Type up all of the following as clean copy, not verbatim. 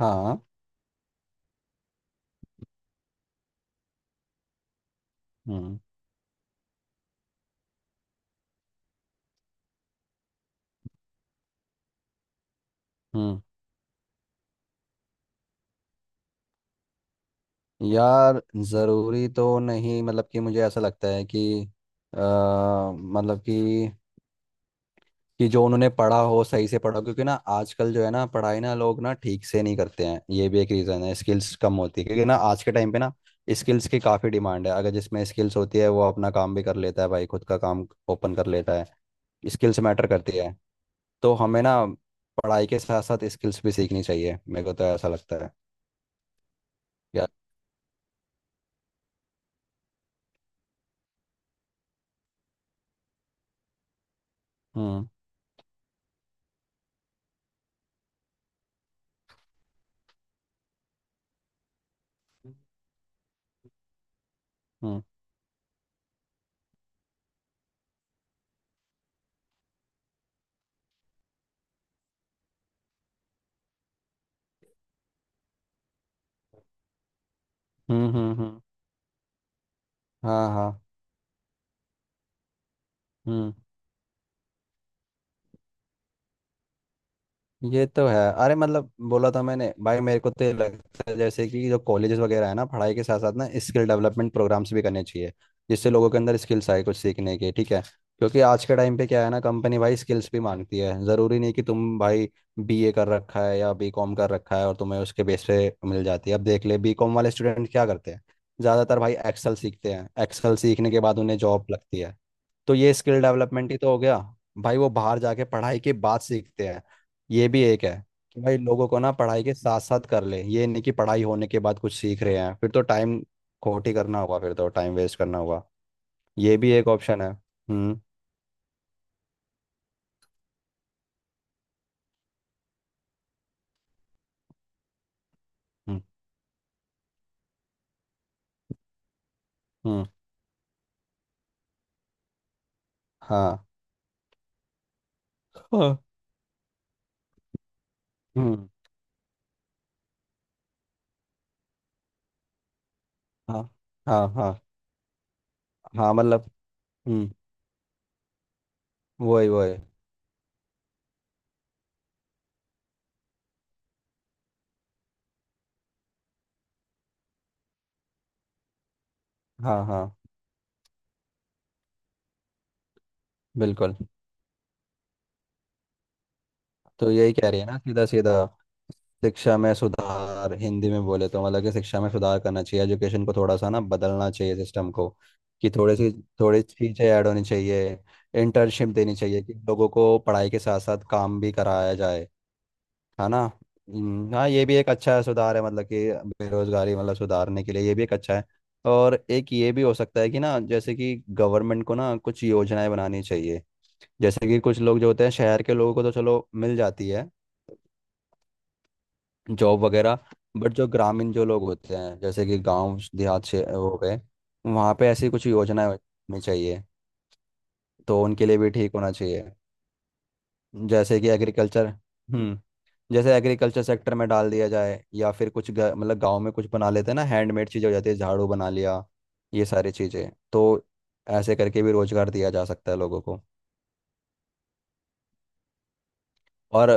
हाँ। हम्म। हम्म। यार, ज़रूरी तो नहीं मतलब कि मुझे ऐसा लगता है कि मतलब कि जो उन्होंने पढ़ा हो सही से पढ़ा हो, क्योंकि ना आजकल जो है ना पढ़ाई ना लोग ना ठीक से नहीं करते हैं। ये भी एक रीज़न है। स्किल्स कम होती है, क्योंकि ना आज के टाइम पे ना स्किल्स की काफ़ी डिमांड है। अगर जिसमें स्किल्स होती है वो अपना काम भी कर लेता है भाई, खुद का काम ओपन कर लेता है। स्किल्स मैटर करती है। तो हमें ना पढ़ाई के साथ साथ स्किल्स भी सीखनी चाहिए, मेरे को तो ऐसा लगता है यार। हम्म। हम्म। हम्म। हम्म। हाँ, हाँ। हम्म, ये तो है। अरे, मतलब बोला था मैंने भाई, मेरे को तो ये लगता है, जैसे कि जो कॉलेजेस वगैरह है ना पढ़ाई के साथ साथ ना स्किल डेवलपमेंट प्रोग्राम्स भी करने चाहिए, जिससे लोगों के अंदर स्किल्स आए कुछ सीखने के। ठीक है, क्योंकि आज के टाइम पे क्या है ना, कंपनी भाई स्किल्स भी मांगती है। ज़रूरी नहीं कि तुम भाई बीए कर रखा है या बीकॉम कर रखा है और तुम्हें उसके बेस पे मिल जाती है। अब देख ले, बीकॉम वाले स्टूडेंट क्या करते हैं, ज़्यादातर भाई एक्सेल सीखते हैं। एक्सेल सीखने के बाद उन्हें जॉब लगती है। तो ये स्किल डेवलपमेंट ही तो हो गया, भाई वो बाहर जाके पढ़ाई के बाद सीखते हैं। ये भी एक है, कि भाई लोगों को ना पढ़ाई के साथ साथ कर ले, ये नहीं कि पढ़ाई होने के बाद कुछ सीख रहे हैं, फिर तो टाइम खोटी करना होगा, फिर तो टाइम वेस्ट करना होगा। ये भी एक ऑप्शन है। हम्म। हम्म। हम्म। हाँ, हाँ। हम्म। हाँ, हाँ, हाँ। हाँ मतलब। हम्म। वही वही। हाँ, हाँ। बिल्कुल। तो यही कह रही है ना, सीधा सीधा शिक्षा में सुधार, हिंदी में बोले तो। मतलब कि शिक्षा में सुधार करना चाहिए, एजुकेशन को थोड़ा सा ना बदलना चाहिए सिस्टम को, कि थोड़ी सी थोड़ी चीज़ें ऐड होनी चाहिए। इंटर्नशिप देनी चाहिए, कि लोगों को पढ़ाई के साथ साथ काम भी कराया जाए, है ना। हाँ ये भी एक अच्छा सुधार है, मतलब कि बेरोजगारी मतलब सुधारने के लिए ये भी एक अच्छा है। और एक ये भी हो सकता है कि ना, जैसे कि गवर्नमेंट को ना कुछ योजनाएं बनानी चाहिए। जैसे कि कुछ लोग जो होते हैं शहर के, लोगों को तो चलो मिल जाती है जॉब वगैरह। बट जो ग्रामीण जो लोग होते हैं जैसे कि गांव देहात से हो गए, वहाँ पे ऐसी कुछ योजनाएं होनी चाहिए, तो उनके लिए भी ठीक होना चाहिए। जैसे कि एग्रीकल्चर। हम्म। जैसे एग्रीकल्चर सेक्टर में डाल दिया जाए या फिर कुछ मतलब गांव में कुछ बना लेते हैं ना, हैंडमेड चीज़ें हो जाती है, झाड़ू बना लिया, ये सारी चीज़ें तो। ऐसे करके भी रोजगार दिया जा सकता है लोगों को। और।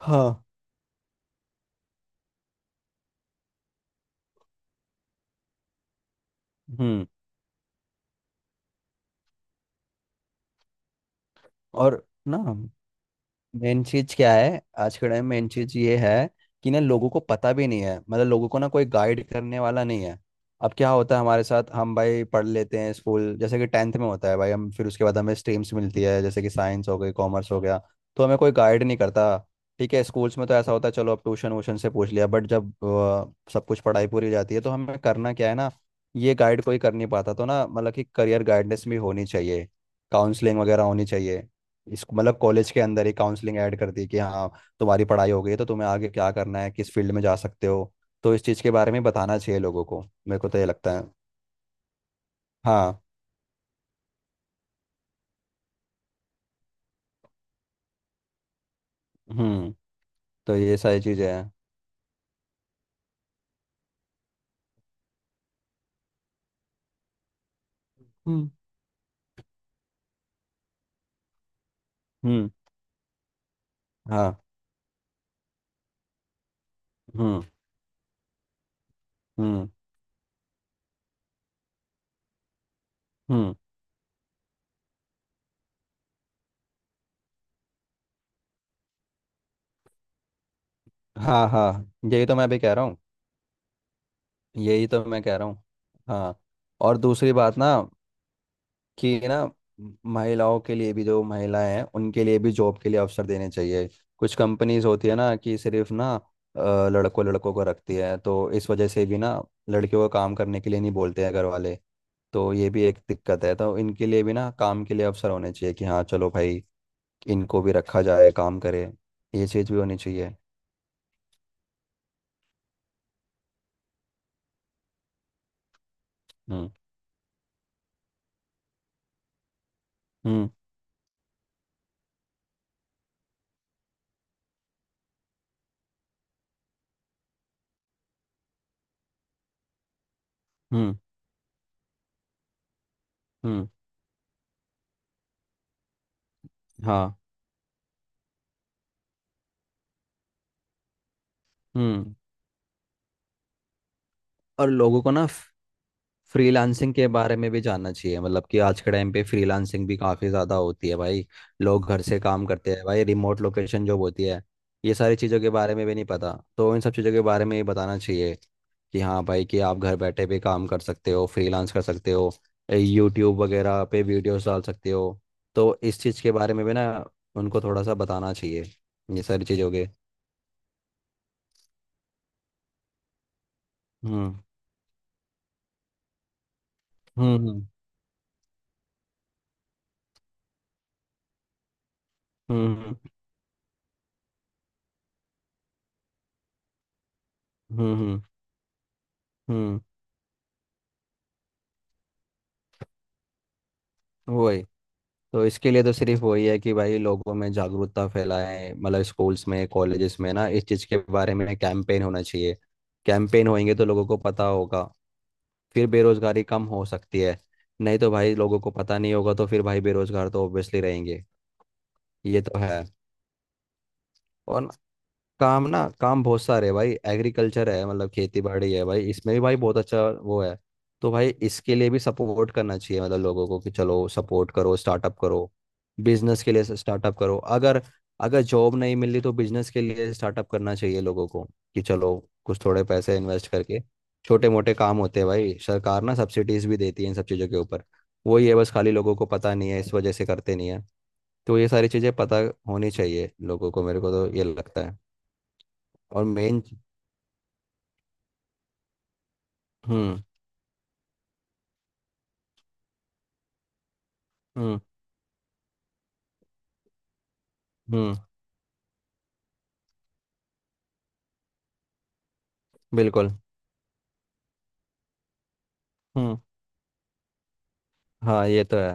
हाँ। हम्म। और ना मेन चीज क्या है आज के टाइम, मेन चीज ये है कि ना लोगों को पता भी नहीं है, मतलब लोगों को ना कोई गाइड करने वाला नहीं है। अब क्या होता है हमारे साथ, हम भाई पढ़ लेते हैं स्कूल, जैसे कि टेंथ में होता है भाई, हम फिर उसके बाद हमें स्ट्रीम्स मिलती है जैसे कि साइंस हो गई, कॉमर्स हो गया, तो हमें कोई गाइड नहीं करता। ठीक है, स्कूल्स में तो ऐसा होता है, चलो अब ट्यूशन वूशन से पूछ लिया। बट जब सब कुछ पढ़ाई पूरी हो जाती है तो हमें करना क्या है ना, ये गाइड कोई कर नहीं पाता। तो ना मतलब कि करियर गाइडेंस भी होनी चाहिए, काउंसलिंग वगैरह होनी चाहिए। इसको मतलब कॉलेज के अंदर ही काउंसलिंग ऐड कर दी, कि हाँ तुम्हारी पढ़ाई हो गई है तो तुम्हें आगे क्या करना है, किस फील्ड में जा सकते हो, तो इस चीज़ के बारे में बताना चाहिए लोगों को, मेरे को तो ये लगता है। हाँ। हम्म। तो ये सारी चीज़ें हैं। हम्म। हम्म। हाँ। हम्म। हम्म। हम्म। हाँ, हाँ, यही तो मैं अभी कह रहा हूँ। यही तो मैं कह रहा हूँ। हाँ। और दूसरी बात ना, कि ना महिलाओं के लिए भी, जो महिलाएं हैं उनके लिए भी जॉब के लिए अवसर देने चाहिए। कुछ कंपनीज होती है ना कि सिर्फ ना लड़कों लड़कों को रखती है, तो इस वजह से भी ना लड़कियों को काम करने के लिए नहीं बोलते हैं घर वाले। तो ये भी एक दिक्कत है, तो इनके लिए भी ना काम के लिए अवसर होने चाहिए, कि हाँ चलो भाई इनको भी रखा जाए, काम करे, ये चीज़ भी होनी चाहिए। हम्म। हम्म। हम्म। हम्म। हाँ। हम्म। और लोगों को ना फ्रीलांसिंग के बारे में भी जानना चाहिए, मतलब कि आज के टाइम पे फ्रीलांसिंग भी काफ़ी ज़्यादा होती है भाई, लोग घर से काम करते हैं भाई, रिमोट लोकेशन जॉब होती है। ये सारी चीज़ों के बारे में भी नहीं पता, तो इन सब चीज़ों के बारे में ये बताना चाहिए, कि हाँ भाई, कि आप घर बैठे भी काम कर सकते हो, फ्रीलांस कर सकते हो, यूट्यूब वगैरह पे वीडियोस डाल सकते हो। तो इस चीज़ के बारे में भी ना उनको थोड़ा सा बताना चाहिए। ये सारी चीज़ों के। हम्म। हम्म। हम्म। हम्म। हम्म। हम्म। हम्म, वही। तो इसके लिए तो सिर्फ वही है कि भाई लोगों में जागरूकता फैलाएं, मतलब स्कूल्स में, कॉलेजेस में ना इस चीज़ के बारे में कैंपेन होना चाहिए। कैंपेन होएंगे तो लोगों को पता होगा, फिर बेरोजगारी कम हो सकती है। नहीं तो भाई लोगों को पता नहीं होगा तो फिर भाई बेरोजगार तो ऑब्वियसली रहेंगे। ये तो है। और काम ना, काम बहुत सारे है भाई। एग्रीकल्चर है, मतलब खेती बाड़ी है भाई, इसमें भी भाई बहुत अच्छा वो है। तो भाई इसके लिए भी सपोर्ट करना चाहिए मतलब लोगों को, कि चलो सपोर्ट करो, स्टार्टअप करो, बिजनेस के लिए स्टार्टअप करो। अगर अगर जॉब नहीं मिल रही तो बिजनेस के लिए स्टार्टअप करना चाहिए लोगों को, कि चलो कुछ थोड़े पैसे इन्वेस्ट करके छोटे मोटे काम होते हैं भाई। सरकार ना सब्सिडीज भी देती है इन सब चीज़ों के ऊपर। वही है, बस खाली लोगों को पता नहीं है, इस वजह से करते नहीं है। तो ये सारी चीज़ें पता होनी चाहिए लोगों को, मेरे को तो ये लगता है। और मेन। हम्म। हम्म। हम्म। बिल्कुल। हम्म। हाँ, ये तो है।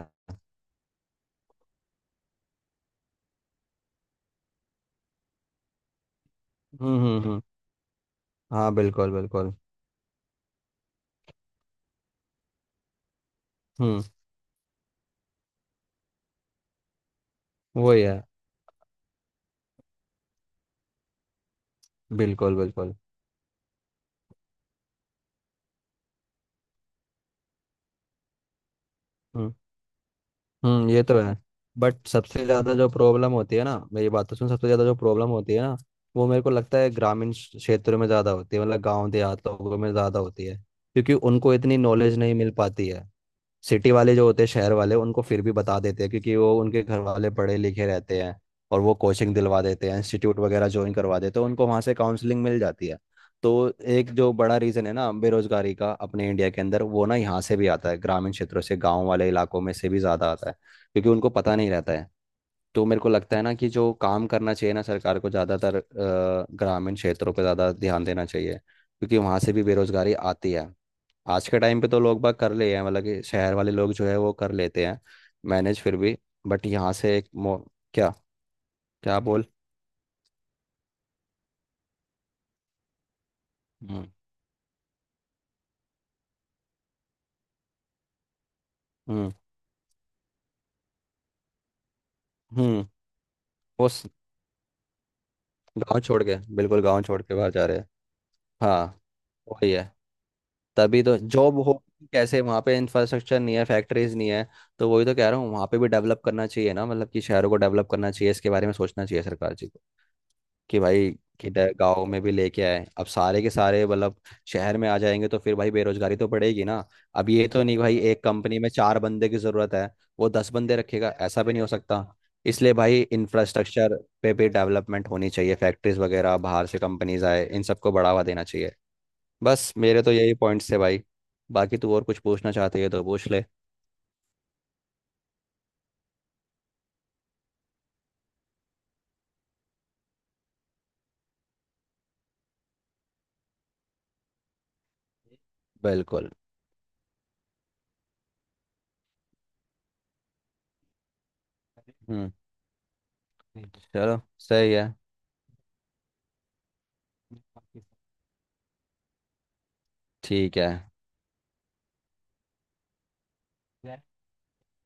हम्म। हम्म। हम्म। हाँ, बिल्कुल बिल्कुल। हम्म। वही है। बिल्कुल बिल्कुल। हम्म। हम्म, ये तो है। बट सबसे ज़्यादा जो प्रॉब्लम होती है ना, मैं ये बात तो सुन, सबसे ज़्यादा जो प्रॉब्लम होती है ना, वो मेरे को लगता है ग्रामीण क्षेत्रों में ज़्यादा होती है, मतलब गांव देहात लोगों में ज़्यादा होती है, क्योंकि उनको इतनी नॉलेज नहीं मिल पाती है। सिटी वाले जो होते हैं, शहर वाले, उनको फिर भी बता देते हैं क्योंकि वो उनके घर वाले पढ़े लिखे रहते हैं, और वो कोचिंग दिलवा देते हैं, इंस्टीट्यूट वगैरह ज्वाइन करवा देते हैं, उनको वहाँ से काउंसलिंग मिल जाती है। तो एक जो बड़ा रीज़न है ना बेरोजगारी का अपने इंडिया के अंदर, वो ना यहाँ से भी आता है, ग्रामीण क्षेत्रों से, गाँव वाले इलाकों में से भी ज़्यादा आता है, क्योंकि उनको पता नहीं रहता है। तो मेरे को लगता है ना कि जो काम करना चाहिए ना सरकार को, ज़्यादातर ग्रामीण क्षेत्रों पर ज़्यादा ध्यान देना चाहिए, क्योंकि वहाँ से भी बेरोजगारी आती है। आज के टाइम पे तो लोग बाग कर लिए हैं, मतलब कि शहर वाले लोग जो है वो कर लेते हैं, मैनेज फिर भी। बट यहाँ से एक मो क्या। क्या बोल। हम्म। हम्म। हम्म। वो स- गाँव छोड़ के, बिल्कुल गाँव छोड़ के बाहर जा रहे हैं। हाँ। वही है। तभी तो जॉब हो कैसे, वहाँ पे इंफ्रास्ट्रक्चर नहीं है, फैक्ट्रीज नहीं है। तो वही तो कह रहा हूँ, वहाँ पे भी डेवलप करना चाहिए ना, मतलब कि शहरों को डेवलप करना चाहिए, इसके बारे में सोचना चाहिए सरकार जी को, कि भाई किधर गांव में भी लेके आए। अब सारे के सारे मतलब शहर में आ जाएंगे तो फिर भाई बेरोजगारी तो पड़ेगी ना। अब ये तो नहीं भाई, एक कंपनी में चार बंदे की जरूरत है वो दस बंदे रखेगा, ऐसा भी नहीं हो सकता। इसलिए भाई इंफ्रास्ट्रक्चर पे भी डेवलपमेंट होनी चाहिए, फैक्ट्रीज वगैरह, बाहर से कंपनीज आए, इन सबको बढ़ावा देना चाहिए। बस मेरे तो यही पॉइंट्स थे भाई, बाकी तू और कुछ पूछना चाहते है तो पूछ ले। बिल्कुल। हम्म। चलो सही है। ठीक है।